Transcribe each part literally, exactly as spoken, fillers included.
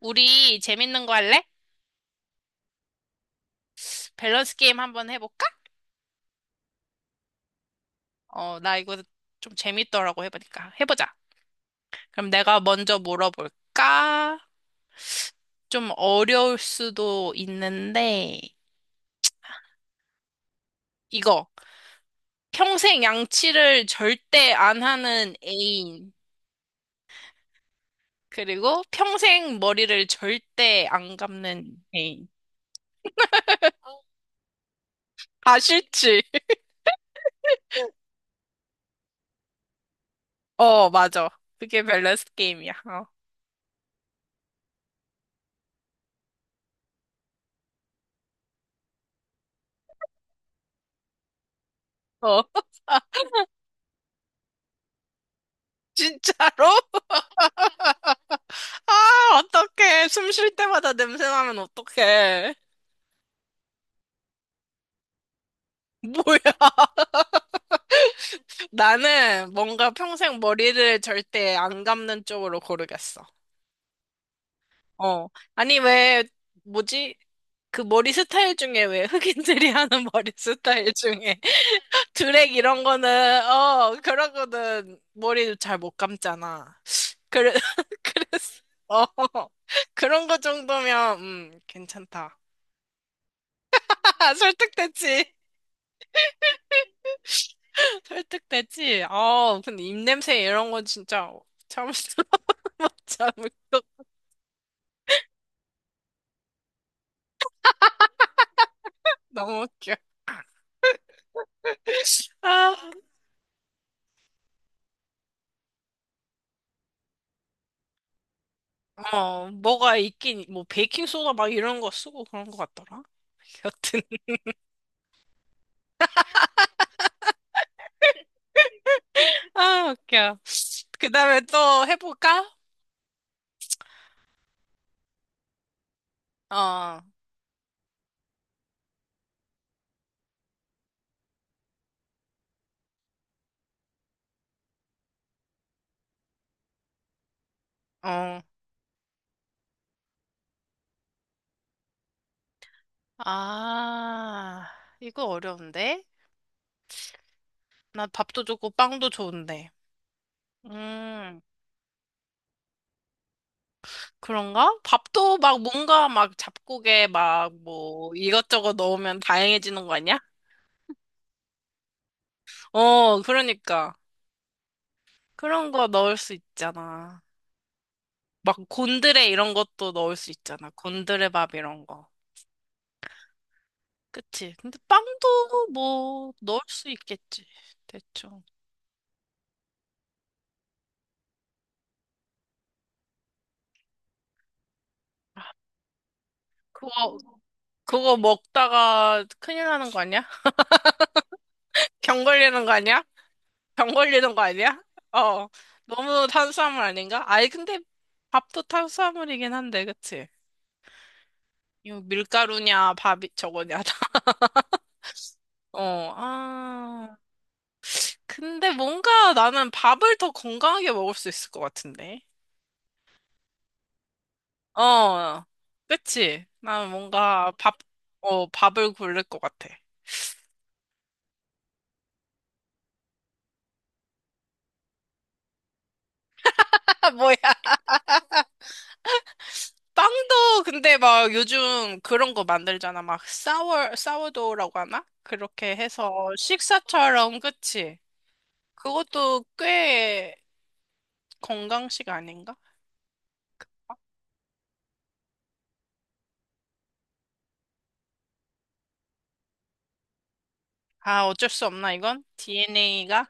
우리 재밌는 거 할래? 밸런스 게임 한번 해볼까? 어, 나 이거 좀 재밌더라고 해보니까. 해보자. 그럼 내가 먼저 물어볼까? 좀 어려울 수도 있는데, 이거. 평생 양치를 절대 안 하는 애인. 그리고 평생 머리를 절대 안 감는 애인. 아, 싫지? 어, 맞아. 그게 밸런스 게임이야. 어, 어. 진짜로? 아, 어떡해. 숨 쉴 때마다 냄새 나면 어떡해. 뭐야. 나는 뭔가 평생 머리를 절대 안 감는 쪽으로 고르겠어. 어. 아니, 왜, 뭐지? 그 머리 스타일 중에 왜 흑인들이 하는 머리 스타일 중에 드랙 이런 거는, 어, 그런 거는 머리도 잘 못 감잖아. 그래, 그래서, 어. 그런 거 정도면, 음, 괜찮다. 설득됐지. 설득됐지? 아, 근데 입냄새 이런 건 진짜 참을 수 못 참을 것 너무 웃겨. 아, 어, 뭐가 있긴, 뭐, 베이킹소다 막 이런 거 쓰고 그런 것 같더라. 여튼, 아, 웃겨. 그 다음에 또 해볼까? 어, 어. 아, 이거 어려운데? 나 밥도 좋고 빵도 좋은데. 음. 그런가? 밥도 막 뭔가 막 잡곡에 막 뭐 이것저것 넣으면 다양해지는 거 아니야? 어, 그러니까. 그런 거 넣을 수 있잖아. 막 곤드레 이런 것도 넣을 수 있잖아. 곤드레 밥 이런 거. 그치? 근데 빵도 뭐 넣을 수 있겠지. 대충. 그거, 그거 먹다가 큰일 나는 거 아니야? 병 걸리는 거 아니야? 병 걸리는 거 아니야? 어. 너무 탄수화물 아닌가? 아니, 근데 밥도 탄수화물이긴 한데, 그치? 이거 밀가루냐, 밥이 저거냐, 다. 어, 아. 근데 뭔가 나는 밥을 더 건강하게 먹을 수 있을 것 같은데. 어, 그치? 나는 뭔가 밥, 어, 밥을 고를 것 같아. 뭐야? 빵도 근데 막 요즘 그런 거 만들잖아. 막 사워, 사워도우라고 하나? 그렇게 해서 식사처럼, 그치? 그것도 꽤 건강식 아닌가? 아, 어쩔 수 없나, 이건? 디엔에이가?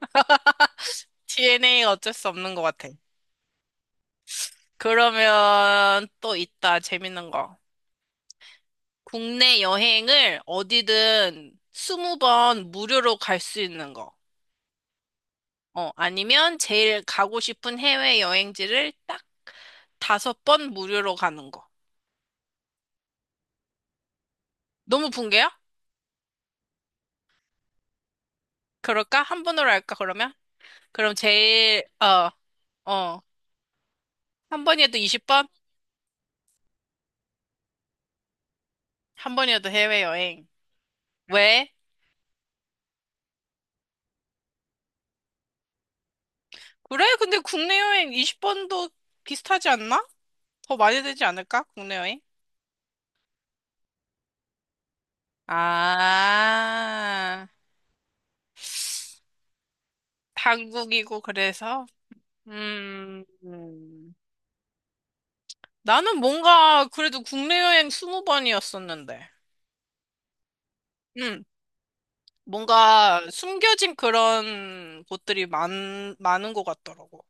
디엔에이가 어쩔 수 없는 것 같아. 그러면 또 있다. 재밌는 거. 국내 여행을 어디든 이십 번 무료로 갈 수 있는 거. 어, 아니면 제일 가고 싶은 해외 여행지를 딱 다섯 번 무료로 가는 거. 너무 붕괴야? 그럴까? 한 번으로 할까, 그러면? 그럼 제일, 어, 어, 한 번이어도 이십 번? 한 번이어도 해외여행. 왜? 그래? 근데 국내 여행 이십 번도 비슷하지 않나? 더 많이 되지 않을까? 국내 여행? 아, 한국이고 그래서 음, 음. 나는 뭔가 그래도 국내 여행 스무 번이었었는데 음, 뭔가 숨겨진 그런 곳들이 많, 많은 것 같더라고.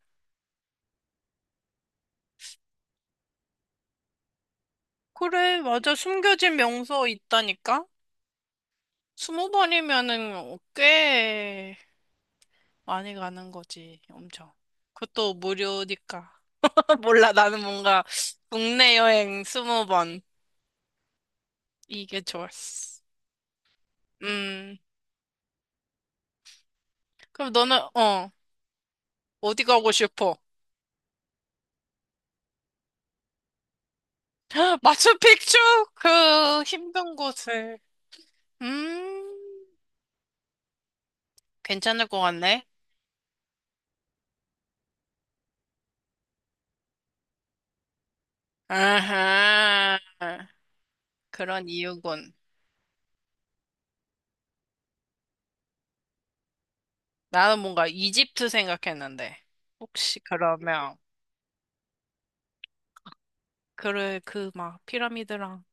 그래, 맞아. 숨겨진 명소 있다니까? 스무 번이면은 꽤 많이 가는 거지, 엄청. 그것도 무료니까. 몰라, 나는 뭔가 국내 여행 스무 번 이게 좋았어. 음, 그럼 너는, 어. 어디 가고 싶어? 마추픽추? 그 힘든 곳을. 음, 괜찮을 것 같네. 아하, 그런 이유군. 나는 뭔가 이집트 생각했는데. 혹시 그러면, 그래, 그 막 피라미드랑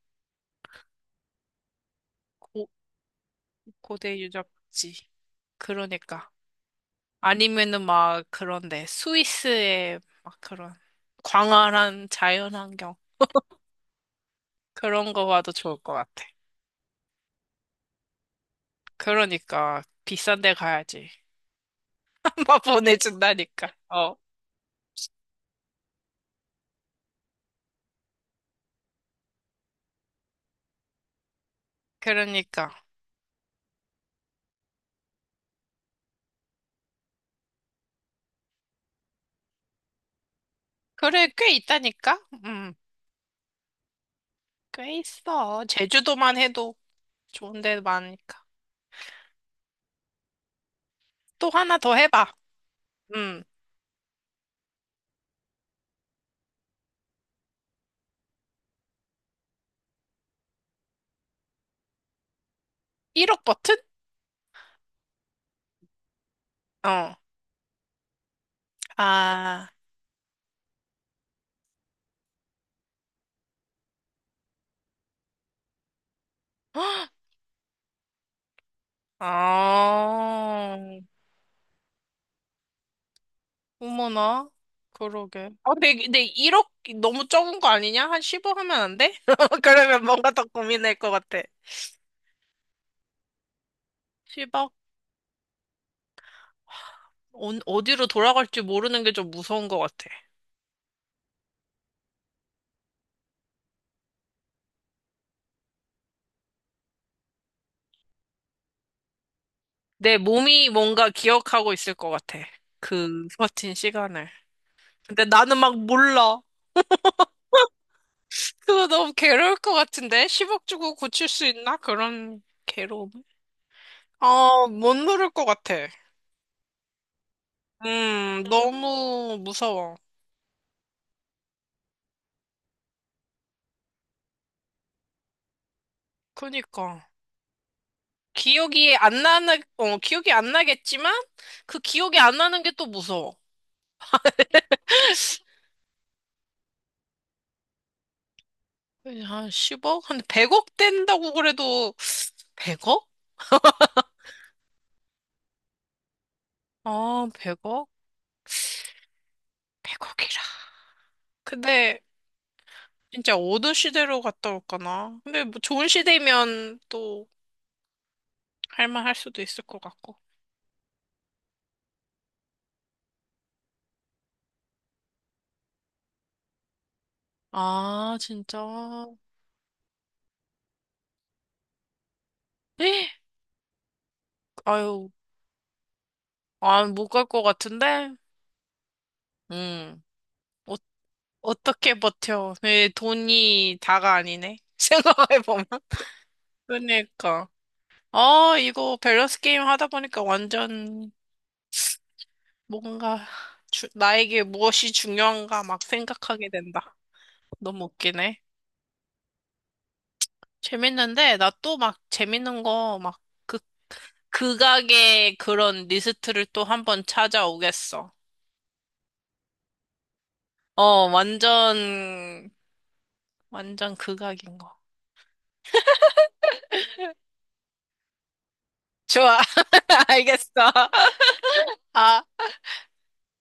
고, 고대 유적지. 그러니까. 아니면은 막 그런데 스위스의 막 그런 광활한 자연환경. 그런 거 봐도 좋을 것 같아. 그러니까 비싼 데 가야지. 막 보내준다니까. 어. 그러니까. 그래, 꽤 있다니까? 음, 꽤 있어. 제주도만 해도 좋은 데 많으니까. 또 하나 더 해봐. 음, 일억 버튼? 어. 아, 헉, 아, 어머나. 그러게. 아, 근데, 근데 일억 너무 적은 거 아니냐? 한 십억 하면 안 돼? 그러면 뭔가 더 고민할 것 같아. 십억? 어, 어디로 돌아갈지 모르는 게 좀 무서운 것 같아. 내 몸이 뭔가 기억하고 있을 것 같아. 그 버틴 시간을. 근데 나는 막 몰라. 그거 너무 괴로울 것 같은데? 십억 주고 고칠 수 있나? 그런 괴로움. 아, 못 누를 것 같아. 음, 너무 무서워. 그니까. 기억이 안 나는, 어, 기억이 안 나겠지만, 그 기억이 안 나는 게 또 무서워. 한 십억? 한 백억 된다고 그래도 백억? 아, 백억? 백억이라. 근데 진짜 어느 시대로 갔다 올까나? 근데 뭐 좋은 시대면 또 할만할 수도 있을 것 같고. 아, 진짜. 에이, 아유, 아, 못 갈 것 같은데? 음, 어, 어떻게 버텨? 내 돈이 다가 아니네. 생각해보면. 그러니까. 아, 이거 밸런스 게임 하다 보니까 완전 뭔가 주- 나에게 무엇이 중요한가 막 생각하게 된다. 너무 웃기네. 재밌는데, 나 또 막 재밌는 거막그 극악의 그런 리스트를 또 한 번 찾아오겠어. 어, 완전, 완전 극악인 거. 좋아. 알겠어. 아.